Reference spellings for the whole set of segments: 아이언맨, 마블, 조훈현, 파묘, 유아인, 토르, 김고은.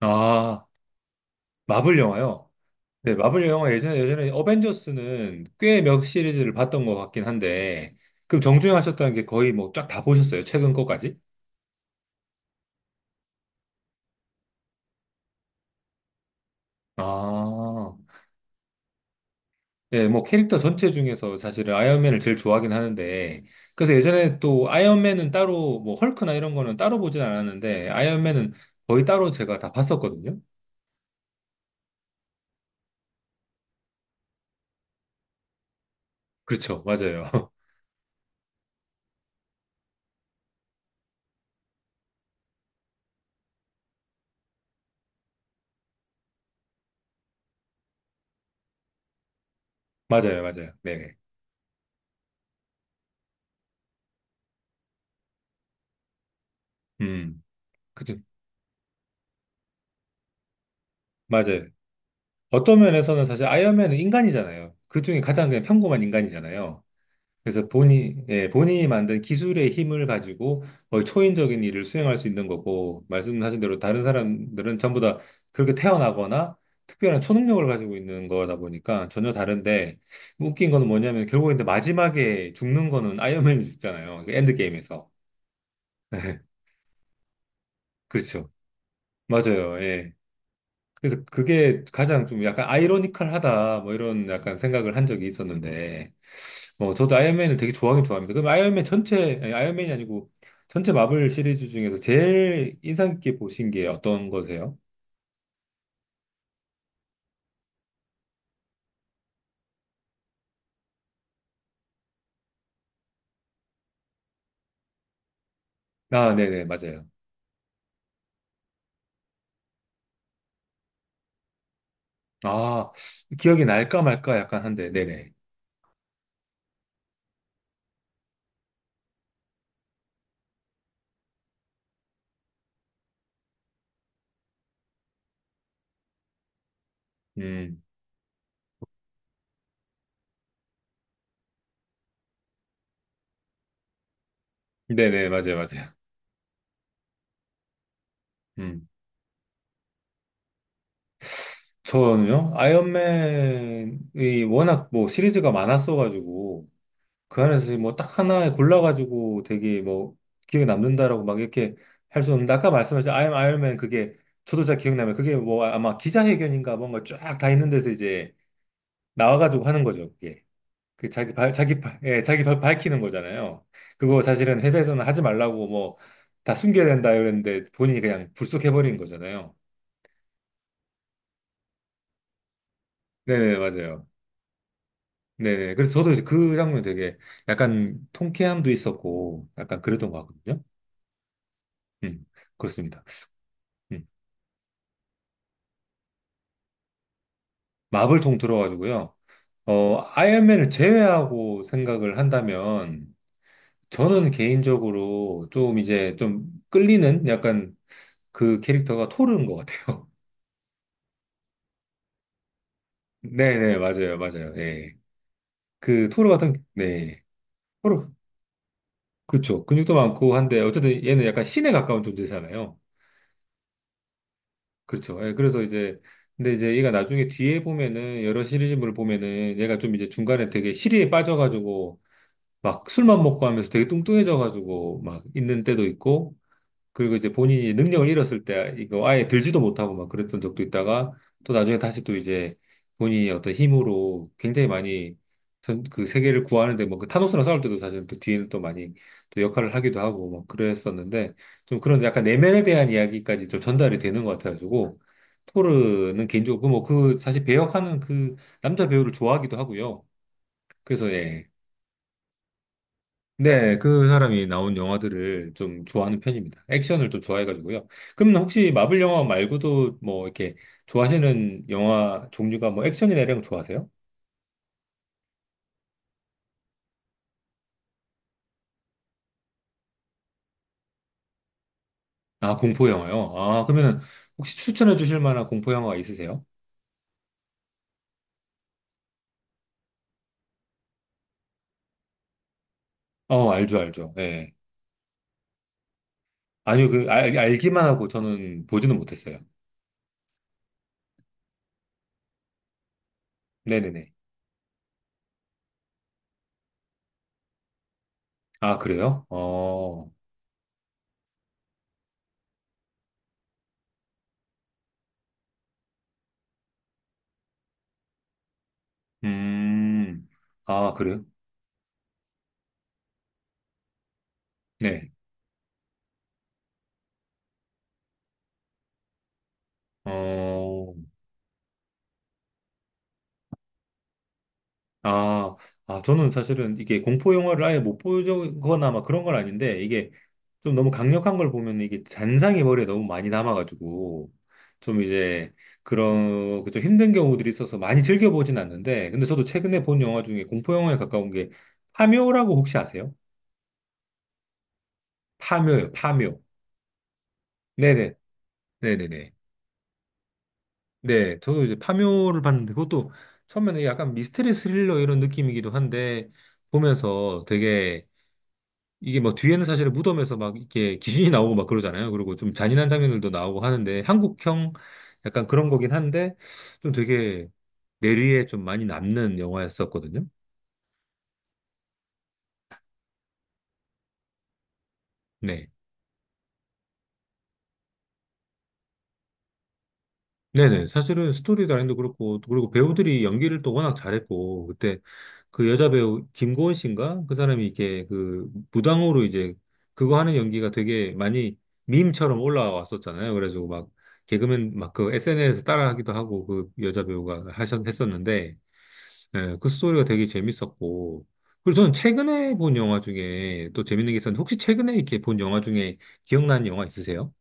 아, 마블 영화요? 네, 마블 영화 예전에 어벤져스는 꽤 몇 시리즈를 봤던 것 같긴 한데, 그럼 정주행 하셨다는 게 거의 뭐 쫙 다 보셨어요? 최근 거까지? 아, 예, 뭐 캐릭터 전체 중에서 사실은 아이언맨을 제일 좋아하긴 하는데, 그래서 예전에 또 아이언맨은 따로, 뭐 헐크나 이런 거는 따로 보진 않았는데, 아이언맨은 거의 따로 제가 다 봤었거든요? 그렇죠, 맞아요. 맞아요, 맞아요. 네네. 음, 그죠. 맞아요. 어떤 면에서는 사실 아이언맨은 인간이잖아요. 그중에 가장 그냥 평범한 인간이잖아요. 그래서 본인, 예, 본인이 만든 기술의 힘을 가지고 거의 초인적인 일을 수행할 수 있는 거고, 말씀하신 대로 다른 사람들은 전부 다 그렇게 태어나거나 특별한 초능력을 가지고 있는 거다 보니까 전혀 다른데, 웃긴 거는 뭐냐면 결국에 마지막에 죽는 거는 아이언맨이 죽잖아요. 그 엔드게임에서. 그렇죠. 맞아요. 예. 그래서 그게 가장 좀 약간 아이러니컬하다 뭐 이런 약간 생각을 한 적이 있었는데 뭐 저도 아이언맨을 되게 좋아하긴 좋아합니다. 그럼 아이언맨 전체 아니, 아이언맨이 아니고 전체 마블 시리즈 중에서 제일 인상 깊게 보신 게 어떤 거세요? 아, 네네, 맞아요. 아, 기억이 날까 말까 약간 한데, 네네. 음, 네네, 맞아요, 맞아요. 음, 저는요, 아이언맨이 워낙 뭐 시리즈가 많았어가지고, 그 안에서 뭐 딱 하나 골라가지고 되게 뭐 기억에 남는다라고 막 이렇게 할 수 없는데 아까 말씀하신 아이엠 아이언맨 그게 저도 잘 기억나면 그게 뭐 아마 기자회견인가 뭔가 쫙 다 있는 데서 이제 나와가지고 하는 거죠 그게 그 자기 발 자기 발 예, 자기 발 밝히는 거잖아요. 그거 사실은 회사에서는 하지 말라고 뭐 다 숨겨야 된다 이랬는데 본인이 그냥 불쑥해버린 거잖아요. 네네, 맞아요. 네네, 그래서 저도 이제 그 장면 되게 약간 통쾌함도 있었고 약간 그랬던 것 같거든요. 음, 그렇습니다. 음. 마블 통틀어 가지고요. 어, 아이언맨을 제외하고 생각을 한다면 저는 개인적으로 좀 이제 좀 끌리는 약간 그 캐릭터가 토르인 것 같아요. 네네, 맞아요, 맞아요. 예. 그 토르 같은, 네. 토르, 그렇죠. 근육도 많고 한데 어쨌든 얘는 약간 신에 가까운 존재잖아요. 그렇죠. 예, 그래서 이제 근데 이제 얘가 나중에 뒤에 보면은 여러 시리즈물을 보면은 얘가 좀 이제 중간에 되게 시리에 빠져가지고 막 술만 먹고 하면서 되게 뚱뚱해져가지고 막 있는 때도 있고, 그리고 이제 본인이 능력을 잃었을 때 이거 아예 들지도 못하고 막 그랬던 적도 있다가 또 나중에 다시 또 이제 본인이 어떤 힘으로 굉장히 많이 그 세계를 구하는데 뭐그 타노스랑 싸울 때도 사실 또 뒤에는 또 많이 또 역할을 하기도 하고 막 그랬었는데 좀 그런 약간 내면에 대한 이야기까지 좀 전달이 되는 것 같아가지고 토르는 개인적으로 뭐그 사실 배역하는 그 남자 배우를 좋아하기도 하고요. 그래서 예. 네, 그 사람이 나온 영화들을 좀 좋아하는 편입니다. 액션을 좀 좋아해가지고요. 그럼 혹시 마블 영화 말고도 뭐 이렇게 좋아하시는 영화 종류가 뭐 액션이나 이런 거 좋아하세요? 아, 공포 영화요? 아, 그러면 혹시 추천해 주실 만한 공포 영화가 있으세요? 어, 알죠, 알죠. 예. 아니요, 그, 알기만 하고 저는 보지는 못했어요. 네네네. 아, 그래요? 어, 음, 아, 그래요? 네. 어, 아, 아, 저는 사실은 이게 공포 영화를 아예 못 보거나 막 그런 건 아닌데, 이게 좀 너무 강력한 걸 보면 이게 잔상이 머리에 너무 많이 남아가지고, 좀 이제 그런, 그좀 힘든 경우들이 있어서 많이 즐겨보진 않는데, 근데 저도 최근에 본 영화 중에 공포 영화에 가까운 게 파묘라고 혹시 아세요? 파묘요, 파묘. 네네, 네네네. 네, 저도 이제 파묘를 봤는데, 그것도 처음에는 약간 미스터리 스릴러 이런 느낌이기도 한데, 보면서 되게 이게 뭐 뒤에는 사실은 무덤에서 막 이렇게 귀신이 나오고 막 그러잖아요. 그리고 좀 잔인한 장면들도 나오고 하는데 한국형 약간 그런 거긴 한데 좀 되게 뇌리에 좀 많이 남는 영화였었거든요. 네. 네네. 사실은 스토리 라인도 그렇고, 또 그리고 배우들이 연기를 또 워낙 잘했고, 그때 그 여자 배우 김고은 씨인가? 그 사람이 이렇게 그 무당으로 이제 그거 하는 연기가 되게 많이 밈처럼 올라왔었잖아요. 그래가지고 막 개그맨 막 그 SNS에서 따라하기도 하고 그 여자 배우가 했었는데, 예, 그 스토리가 되게 재밌었고, 그리고 저는 최근에 본 영화 중에 또 재밌는 게 있었는데, 혹시 최근에 이렇게 본 영화 중에 기억나는 영화 있으세요?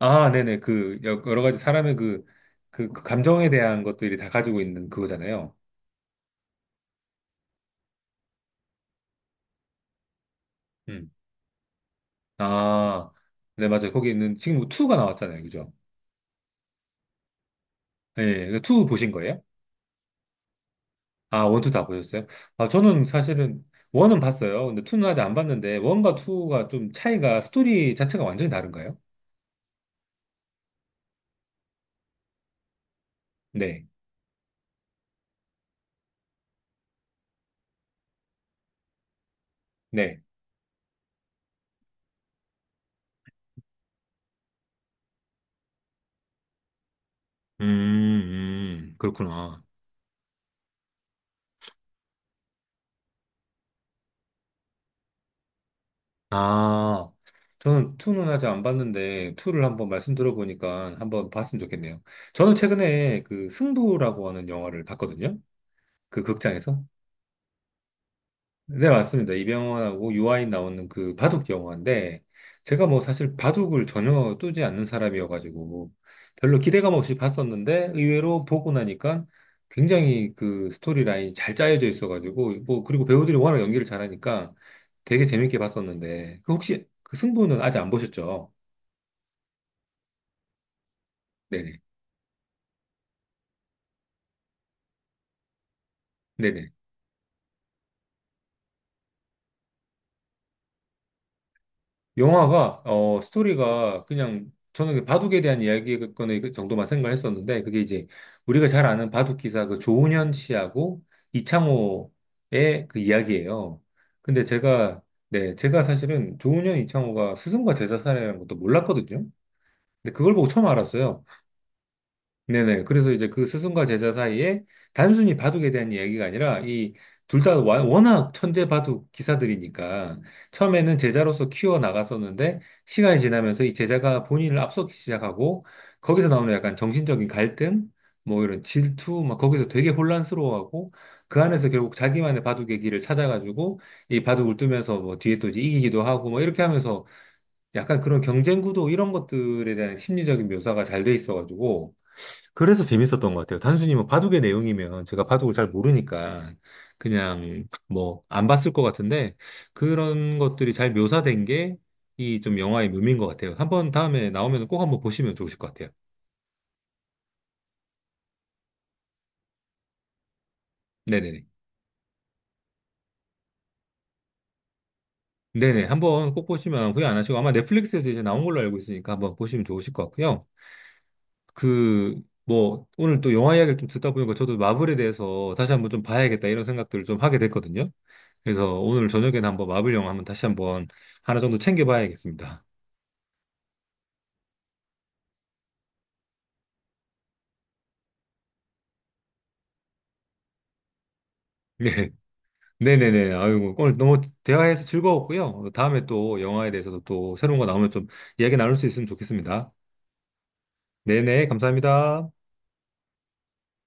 아, 네네. 그, 여러 가지 사람의 그, 그, 그 감정에 대한 것들이 다 가지고 있는 그거잖아요. 음. 아, 네, 맞아요. 거기 있는, 지금 2가 나왔잖아요. 그죠? 예, 네, 2 보신 거예요? 아, 1, 2다 보셨어요? 아, 저는 사실은 1은 봤어요. 근데 2는 아직 안 봤는데, 1과 2가 좀 차이가, 스토리 자체가 완전히 다른가요? 네, 네. 음, 그렇구나. 아, 저는 투는 아직 안 봤는데, 투를 한번 말씀 들어보니까 한번 봤으면 좋겠네요. 저는 최근에 그 승부라고 하는 영화를 봤거든요. 그 극장에서. 네, 맞습니다. 이병헌하고 유아인 나오는 그 바둑 영화인데, 제가 뭐 사실 바둑을 전혀 뜨지 않는 사람이어가지고, 별로 기대감 없이 봤었는데, 의외로 보고 나니까 굉장히 그 스토리 라인이 잘 짜여져 있어가지고, 뭐, 그리고 배우들이 워낙 연기를 잘하니까 되게 재밌게 봤었는데, 그 혹시 그 승부는 아직 안 보셨죠? 네네. 네네. 영화가 어 스토리가 그냥 저는 그 바둑에 대한 이야기거의그 정도만 생각했었는데 그게 이제 우리가 잘 아는 바둑 기사 그 조훈현 씨하고 이창호의 그 이야기예요. 근데 제가 네 제가 사실은 조훈현 이창호가 스승과 제자 사이라는 것도 몰랐거든요. 근데 그걸 보고 처음 알았어요. 네네. 그래서 이제 그 스승과 제자 사이에 단순히 바둑에 대한 이야기가 아니라 이 둘 다 워낙 천재 바둑 기사들이니까 처음에는 제자로서 키워 나갔었는데 시간이 지나면서 이 제자가 본인을 앞서기 시작하고 거기서 나오는 약간 정신적인 갈등, 뭐 이런 질투, 막 거기서 되게 혼란스러워하고 그 안에서 결국 자기만의 바둑의 길을 찾아가지고 이 바둑을 두면서 뭐 뒤에 또 이제 이기기도 하고 뭐 이렇게 하면서 약간 그런 경쟁 구도 이런 것들에 대한 심리적인 묘사가 잘 돼 있어가지고 그래서 재밌었던 것 같아요. 단순히 뭐 바둑의 내용이면 제가 바둑을 잘 모르니까 그냥 뭐 안 봤을 것 같은데 그런 것들이 잘 묘사된 게 이 좀 영화의 묘미인 것 같아요. 한번 다음에 나오면 꼭 한번 보시면 좋으실 것 같아요. 네네네. 네네. 한번 꼭 보시면 후회 안 하시고 아마 넷플릭스에서 이제 나온 걸로 알고 있으니까 한번 보시면 좋으실 것 같고요. 그, 뭐, 오늘 또 영화 이야기를 좀 듣다 보니까 저도 마블에 대해서 다시 한번 좀 봐야겠다 이런 생각들을 좀 하게 됐거든요. 그래서 오늘 저녁에는 한번 마블 영화 한번 다시 한번 하나 정도 챙겨봐야겠습니다. 네. 네네네. 아이고, 오늘 너무 대화해서 즐거웠고요. 다음에 또 영화에 대해서도 또 새로운 거 나오면 좀 이야기 나눌 수 있으면 좋겠습니다. 네네. 감사합니다.